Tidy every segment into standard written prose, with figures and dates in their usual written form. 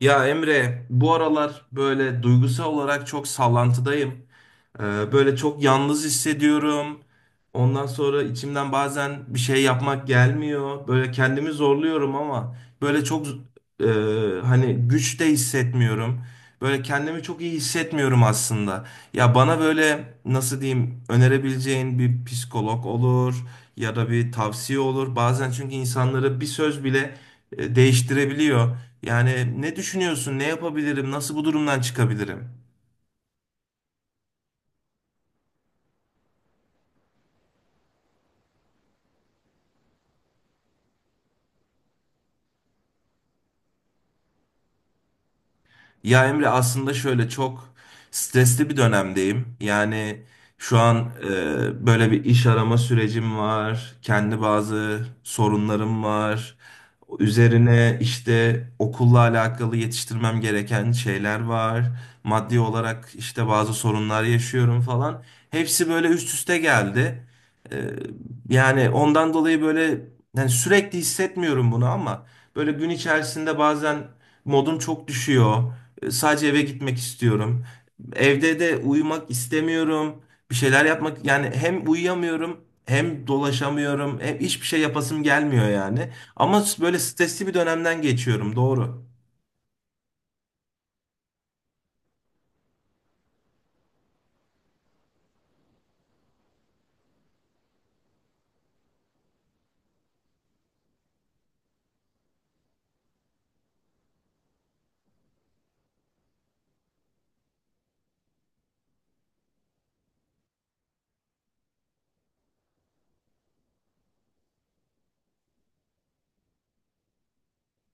Ya Emre, bu aralar böyle duygusal olarak çok sallantıdayım. Ee, böyle çok yalnız hissediyorum. Ondan sonra içimden bazen bir şey yapmak gelmiyor. Böyle kendimi zorluyorum ama böyle çok e, hani güç de hissetmiyorum. Böyle kendimi çok iyi hissetmiyorum aslında. Ya bana böyle nasıl diyeyim önerebileceğin bir psikolog olur ya da bir tavsiye olur. Bazen çünkü insanları bir söz bile değiştirebiliyor. Yani ne düşünüyorsun, ne yapabilirim, nasıl bu durumdan çıkabilirim? Ya Emre aslında şöyle çok stresli bir dönemdeyim. Yani şu an e, böyle bir iş arama sürecim var. Kendi bazı sorunlarım var. Üzerine işte okulla alakalı yetiştirmem gereken şeyler var. Maddi olarak işte bazı sorunlar yaşıyorum falan. Hepsi böyle üst üste geldi. E, yani ondan dolayı böyle yani sürekli hissetmiyorum bunu ama böyle gün içerisinde bazen modum çok düşüyor. Sadece eve gitmek istiyorum. Evde de uyumak istemiyorum. Bir şeyler yapmak yani hem uyuyamıyorum hem dolaşamıyorum. Hem hiçbir şey yapasım gelmiyor yani. Ama böyle stresli bir dönemden geçiyorum doğru.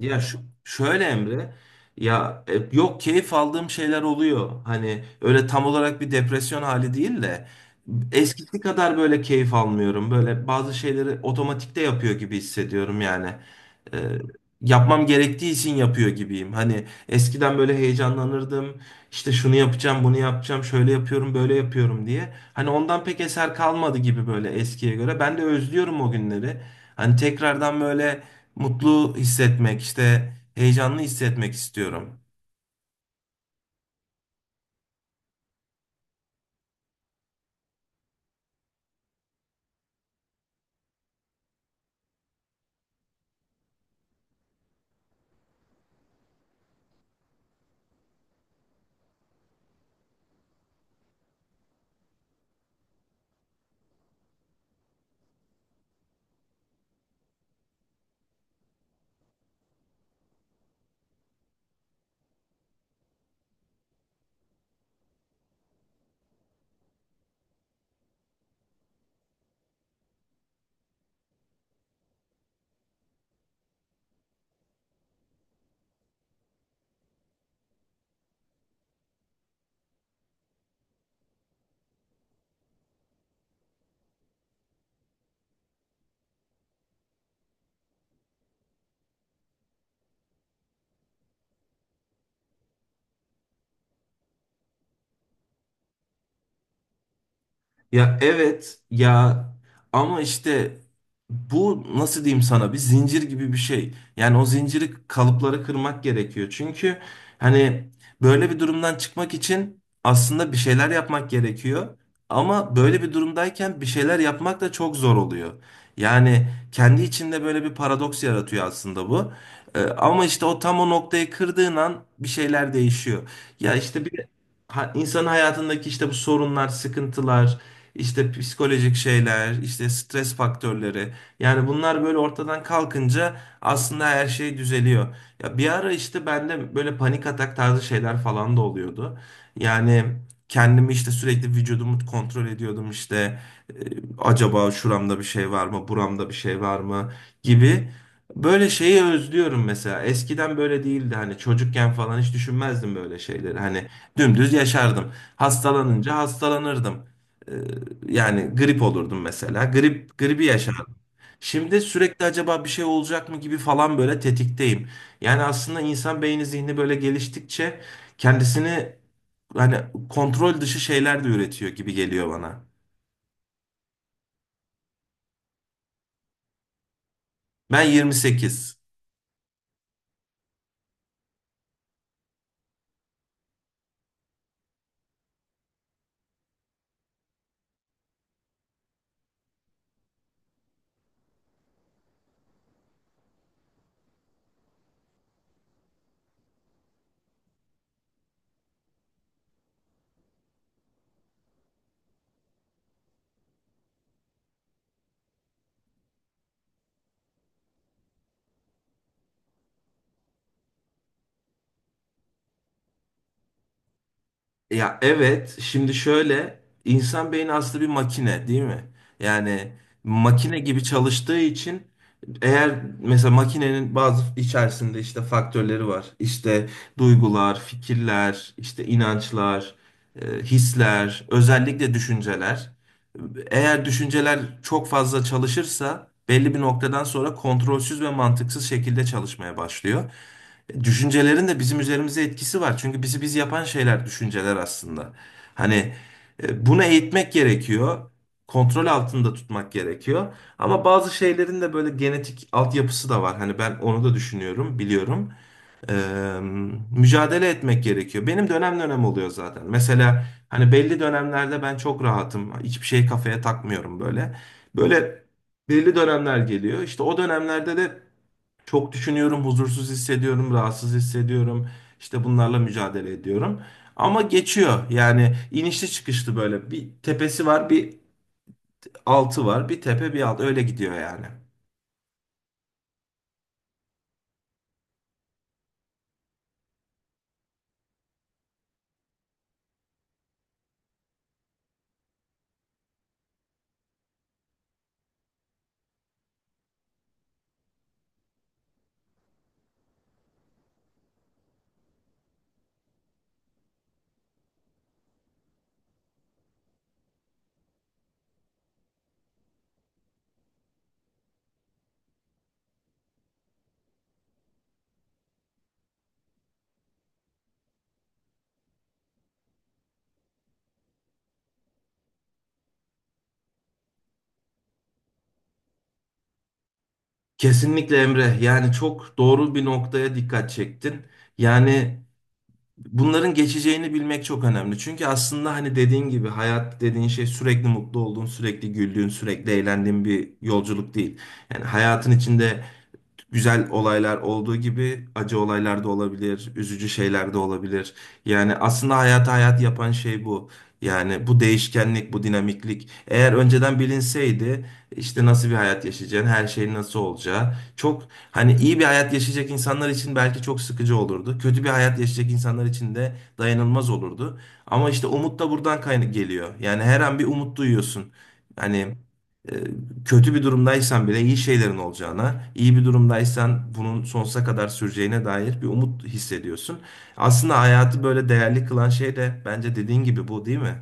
Ya şu, şöyle Emre, ya yok keyif aldığım şeyler oluyor. Hani öyle tam olarak bir depresyon hali değil de eskisi kadar böyle keyif almıyorum. Böyle bazı şeyleri otomatikte yapıyor gibi hissediyorum yani. E, yapmam gerektiği için yapıyor gibiyim. Hani eskiden böyle heyecanlanırdım. İşte şunu yapacağım, bunu yapacağım, şöyle yapıyorum, böyle yapıyorum diye. Hani ondan pek eser kalmadı gibi böyle eskiye göre. Ben de özlüyorum o günleri. Hani tekrardan böyle mutlu hissetmek, işte heyecanlı hissetmek istiyorum. Ya evet ya ama işte bu nasıl diyeyim sana bir zincir gibi bir şey. Yani o zinciri kalıpları kırmak gerekiyor. Çünkü hani böyle bir durumdan çıkmak için aslında bir şeyler yapmak gerekiyor. Ama böyle bir durumdayken bir şeyler yapmak da çok zor oluyor. Yani kendi içinde böyle bir paradoks yaratıyor aslında bu. Ama işte o tam o noktayı kırdığın an bir şeyler değişiyor. Ya işte bir insanın hayatındaki işte bu sorunlar, sıkıntılar, işte psikolojik şeyler, işte stres faktörleri. Yani bunlar böyle ortadan kalkınca aslında her şey düzeliyor. Ya bir ara işte bende böyle panik atak tarzı şeyler falan da oluyordu. Yani kendimi işte sürekli vücudumu kontrol ediyordum işte e, acaba şuramda bir şey var mı, buramda bir şey var mı gibi. Böyle şeyi özlüyorum mesela. Eskiden böyle değildi hani çocukken falan hiç düşünmezdim böyle şeyleri. Hani dümdüz yaşardım. Hastalanınca hastalanırdım. E, yani grip olurdum mesela. Gribi Hı. yaşardım. Şimdi sürekli acaba bir şey olacak mı gibi falan böyle tetikteyim. Yani aslında insan beyni zihni böyle geliştikçe kendisini hani kontrol dışı şeyler de üretiyor gibi geliyor bana. Ben 28. Ya evet, şimdi şöyle insan beyni aslında bir makine değil mi? Yani makine gibi çalıştığı için eğer mesela makinenin bazı içerisinde işte faktörleri var. İşte duygular, fikirler, işte inançlar, hisler, özellikle düşünceler. Eğer düşünceler çok fazla çalışırsa belli bir noktadan sonra kontrolsüz ve mantıksız şekilde çalışmaya başlıyor düşüncelerin de bizim üzerimize etkisi var. Çünkü bizi biz yapan şeyler düşünceler aslında. Hani bunu eğitmek gerekiyor. Kontrol altında tutmak gerekiyor. Ama bazı şeylerin de böyle genetik altyapısı da var. Hani ben onu da düşünüyorum, biliyorum. Ee, mücadele etmek gerekiyor. Benim dönem dönem oluyor zaten. Mesela hani belli dönemlerde ben çok rahatım. Hiçbir şey kafaya takmıyorum böyle. Böyle belli dönemler geliyor. İşte o dönemlerde de çok düşünüyorum, huzursuz hissediyorum, rahatsız hissediyorum. İşte bunlarla mücadele ediyorum. Ama geçiyor. Yani inişli çıkışlı böyle. Bir tepesi var, bir altı var, bir tepe, bir alt. Öyle gidiyor yani. Kesinlikle Emre. Yani çok doğru bir noktaya dikkat çektin. Yani bunların geçeceğini bilmek çok önemli. Çünkü aslında hani dediğin gibi hayat dediğin şey sürekli mutlu olduğun, sürekli güldüğün, sürekli eğlendiğin bir yolculuk değil. Yani hayatın içinde güzel olaylar olduğu gibi acı olaylar da olabilir, üzücü şeyler de olabilir. Yani aslında hayatı hayat yapan şey bu. Yani bu değişkenlik, bu dinamiklik. Eğer önceden bilinseydi işte nasıl bir hayat yaşayacağın, her şeyin nasıl olacağı. Çok hani iyi bir hayat yaşayacak insanlar için belki çok sıkıcı olurdu. Kötü bir hayat yaşayacak insanlar için de dayanılmaz olurdu. Ama işte umut da buradan kaynak geliyor. Yani her an bir umut duyuyorsun. Hani e, kötü bir durumdaysan bile iyi şeylerin olacağına, iyi bir durumdaysan bunun sonsuza kadar süreceğine dair bir umut hissediyorsun. Aslında hayatı böyle değerli kılan şey de bence dediğin gibi bu değil mi?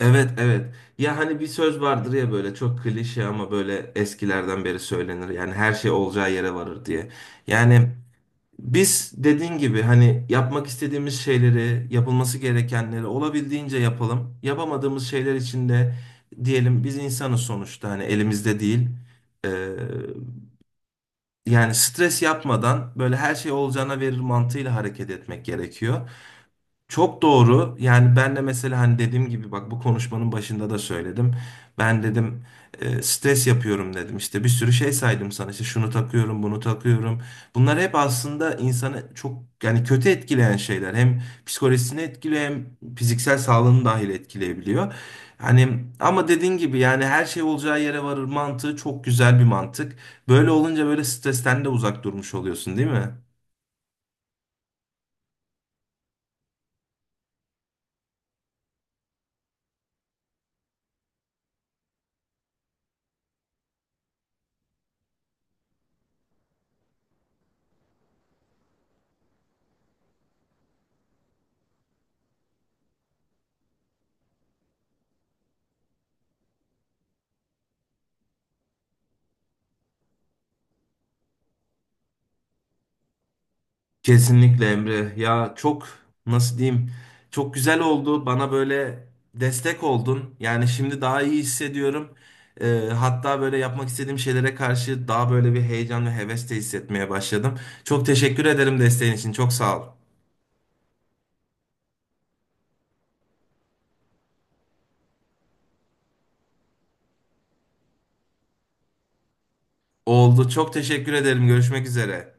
Evet evet. Ya hani bir söz vardır ya böyle çok klişe ama böyle eskilerden beri söylenir. Yani her şey olacağı yere varır diye. Yani biz dediğin gibi hani yapmak istediğimiz şeyleri, yapılması gerekenleri olabildiğince yapalım. Yapamadığımız şeyler için de diyelim biz insanız sonuçta hani elimizde değil. Ee, yani stres yapmadan böyle her şey olacağına verir mantığıyla hareket etmek gerekiyor. Çok doğru. Yani ben de mesela hani dediğim gibi bak bu konuşmanın başında da söyledim. Ben dedim stres yapıyorum dedim. İşte bir sürü şey saydım sana. İşte şunu takıyorum, bunu takıyorum. Bunlar hep aslında insanı çok yani kötü etkileyen şeyler. Hem psikolojisini etkiliyor hem fiziksel sağlığını dahil etkileyebiliyor. Hani ama dediğin gibi yani her şey olacağı yere varır mantığı çok güzel bir mantık. Böyle olunca böyle stresten de uzak durmuş oluyorsun, değil mi? Kesinlikle Emre. Ya çok nasıl diyeyim? Çok güzel oldu. Bana böyle destek oldun. Yani şimdi daha iyi hissediyorum. Hatta böyle yapmak istediğim şeylere karşı daha böyle bir heyecan ve heves de hissetmeye başladım. Çok teşekkür ederim desteğin için. Çok sağ ol. Oldu. Çok teşekkür ederim. Görüşmek üzere.